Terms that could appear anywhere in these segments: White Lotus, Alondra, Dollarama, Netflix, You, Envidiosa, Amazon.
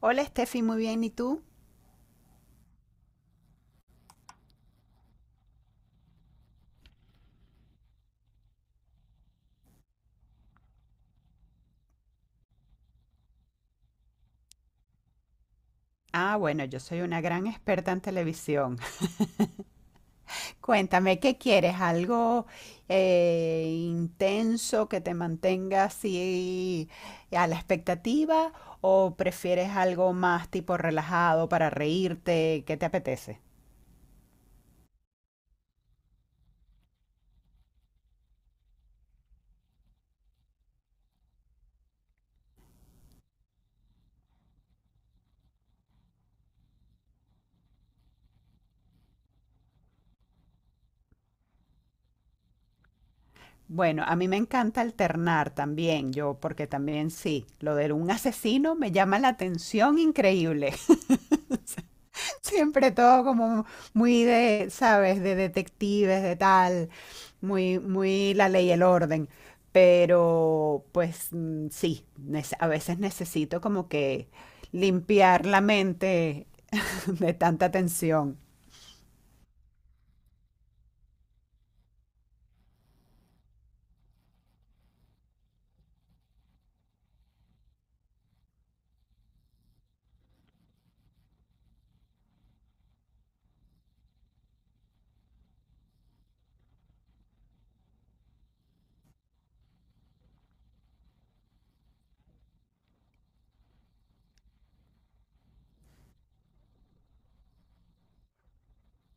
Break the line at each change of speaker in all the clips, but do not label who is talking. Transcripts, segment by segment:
Hola Steffi, muy bien, ¿y tú? Ah, bueno, yo soy una gran experta en televisión. Cuéntame, ¿qué quieres? ¿Algo intenso que te mantenga así a la expectativa o prefieres algo más tipo relajado para reírte? ¿Qué te apetece? Bueno, a mí me encanta alternar también, yo, porque también sí, lo de un asesino me llama la atención increíble. Siempre todo como muy de, ¿sabes? De detectives, de tal, muy, muy la ley y el orden. Pero pues sí, a veces necesito como que limpiar la mente de tanta tensión.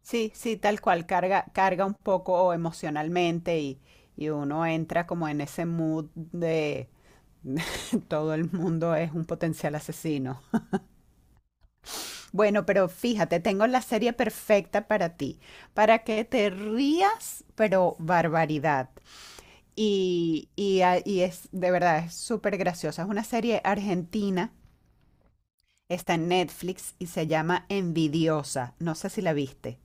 Sí, sí, tal cual, carga, carga un poco emocionalmente y uno entra como en ese mood de todo el mundo es un potencial asesino. Bueno, pero fíjate, tengo la serie perfecta para ti, para que te rías, pero barbaridad. Y es de verdad, es súper graciosa. Es una serie argentina, está en Netflix y se llama Envidiosa. No sé si la viste.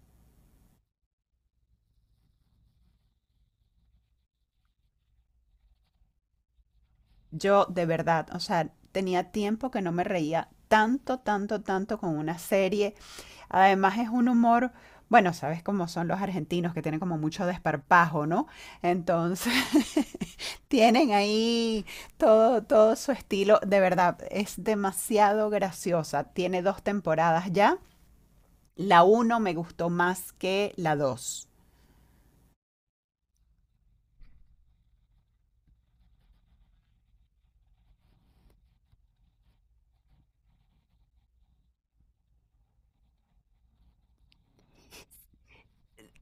Yo, de verdad, o sea, tenía tiempo que no me reía tanto, tanto, tanto con una serie. Además es un humor, bueno, sabes cómo son los argentinos que tienen como mucho desparpajo, ¿no? Entonces, tienen ahí todo su estilo. De verdad, es demasiado graciosa. Tiene dos temporadas ya. La uno me gustó más que la dos.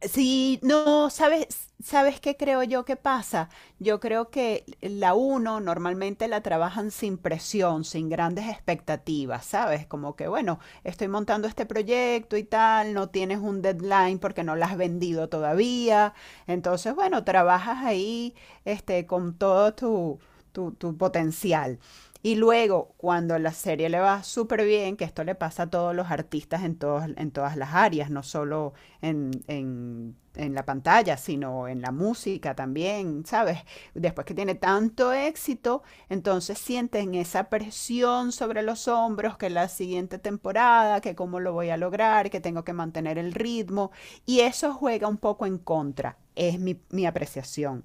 Sí, no, ¿sabes qué creo yo que pasa? Yo creo que la uno normalmente la trabajan sin presión, sin grandes expectativas, ¿sabes? Como que, bueno, estoy montando este proyecto y tal, no tienes un deadline porque no la has vendido todavía. Entonces, bueno, trabajas ahí, este, con todo tu potencial. Y luego, cuando la serie le va súper bien, que esto le pasa a todos los artistas en todos, en todas las áreas, no solo en la pantalla, sino en la música también, ¿sabes? Después que tiene tanto éxito, entonces sienten esa presión sobre los hombros que la siguiente temporada, que cómo lo voy a lograr, que tengo que mantener el ritmo, y eso juega un poco en contra. Es mi apreciación.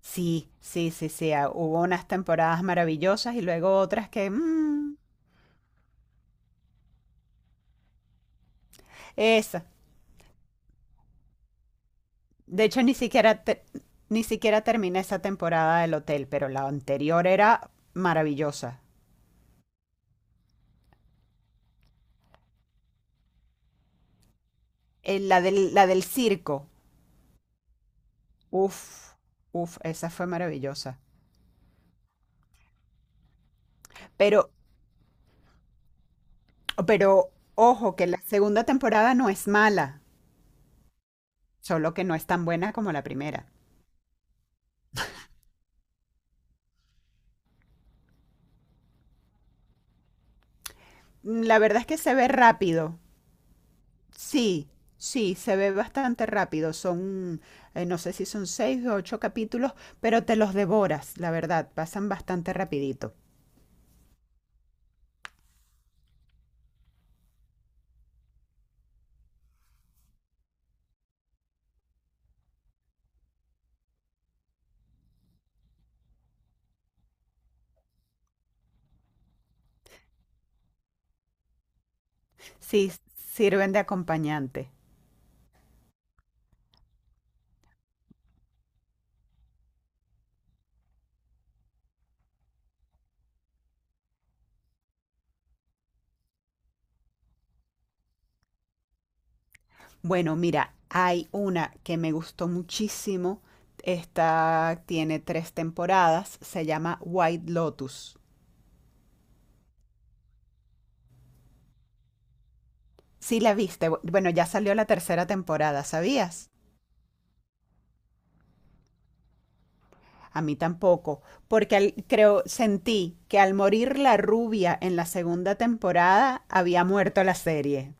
Sí, sí, sí, sí. Hubo unas temporadas maravillosas y luego otras que... esa, De hecho, ni siquiera terminé esa temporada del hotel, pero la anterior era maravillosa. La del circo, uf, uf, esa fue maravillosa. Pero, pero, Ojo, que la segunda temporada no es mala, solo que no es tan buena como la primera. La verdad es que se ve rápido. Sí, sí, se ve bastante rápido. Son, no sé si son seis o ocho capítulos, pero te los devoras, la verdad, pasan bastante rapidito. Sí, sirven de acompañante. Bueno, mira, hay una que me gustó muchísimo. Esta tiene tres temporadas. Se llama White Lotus. Sí la viste. Bueno, ya salió la tercera temporada, ¿sabías? A mí tampoco, porque creo, sentí que al morir la rubia en la segunda temporada había muerto la serie.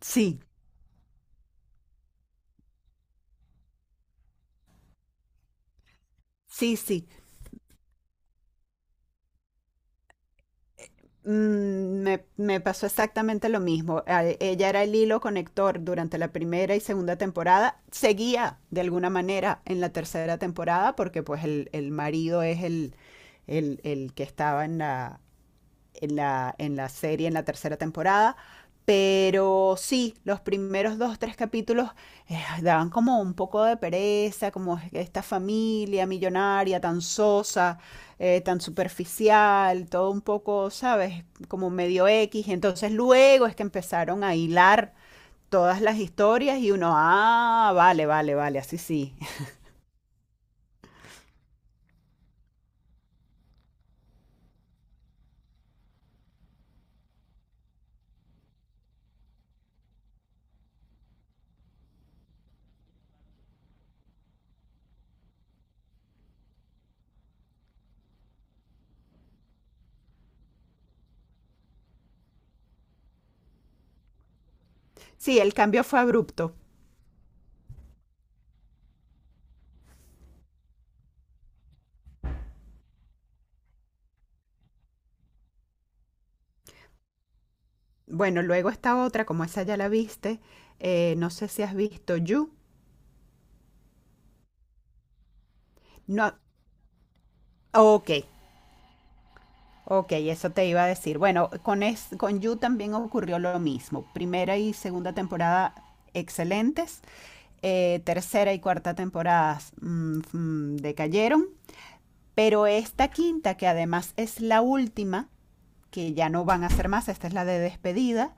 Sí, sí, sí. Me pasó exactamente lo mismo. Ella era el hilo conector durante la primera y segunda temporada. Seguía de alguna manera en la tercera temporada porque pues el marido es el que estaba en la serie, en la tercera temporada. Pero sí, los primeros dos, tres capítulos daban como un poco de pereza, como esta familia millonaria tan sosa, tan superficial, todo un poco, ¿sabes? Como medio X. Entonces luego es que empezaron a hilar todas las historias y uno, ah, vale, vale, vale, así sí. Sí, el cambio fue abrupto. Bueno, luego está otra, como esa ya la viste, no sé si has visto You. No, ok, ok, eso te iba a decir. Bueno, con You también ocurrió lo mismo. Primera y segunda temporada excelentes, tercera y cuarta temporadas decayeron, pero esta quinta, que además es la última, que ya no van a hacer más, esta es la de despedida.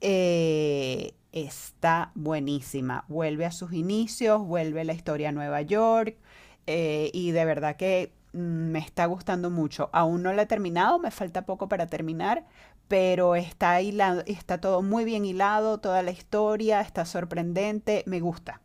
Está buenísima. Vuelve a sus inicios, vuelve la historia a Nueva York, y de verdad que me está gustando mucho. Aún no la he terminado, me falta poco para terminar, pero está hilado, está todo muy bien hilado, toda la historia está sorprendente, me gusta.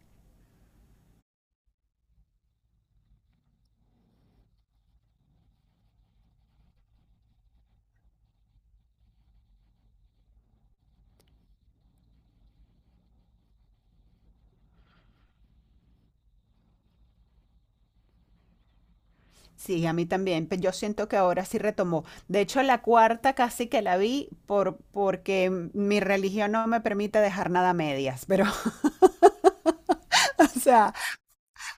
Sí, a mí también. Yo siento que ahora sí retomó. De hecho, la cuarta casi que la vi porque mi religión no me permite dejar nada a medias. Pero, o sea,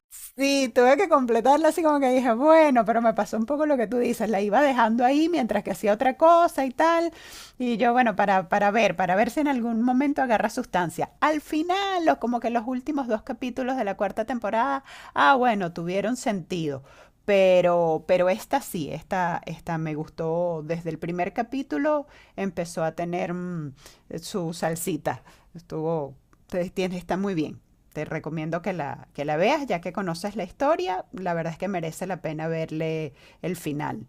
sí, tuve que completarla así como que dije, bueno, pero me pasó un poco lo que tú dices, la iba dejando ahí mientras que hacía otra cosa y tal, y yo, bueno, para ver, para ver si en algún momento agarra sustancia. Al final, o como que los últimos dos capítulos de la cuarta temporada, ah, bueno, tuvieron sentido, pero esta sí, esta me gustó desde el primer capítulo, empezó a tener su salsita, estuvo, está muy bien. Te recomiendo que la veas, ya que conoces la historia, la verdad es que merece la pena verle el final.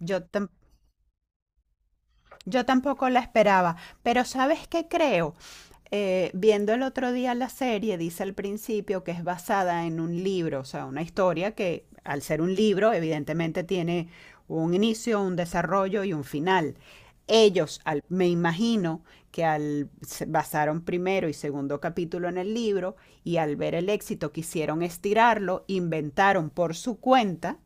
Yo Yo tampoco la esperaba, pero ¿sabes qué creo? Viendo el otro día la serie, dice al principio que es basada en un libro, o sea, una historia que al ser un libro, evidentemente tiene un inicio, un desarrollo y un final. Ellos, me imagino que al se basaron primero y segundo capítulo en el libro y al ver el éxito quisieron estirarlo, inventaron por su cuenta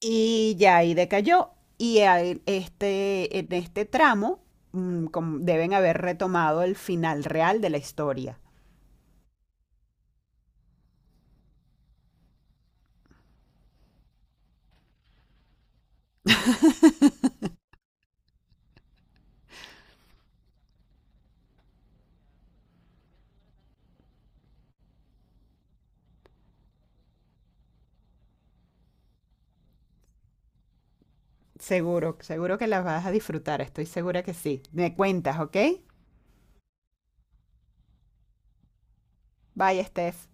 y ya ahí decayó. Y ahí, este, en este tramo deben haber retomado el final real de la historia. Seguro, seguro que las vas a disfrutar, estoy segura que sí. Me cuentas, ¿ok? Bye, Steph.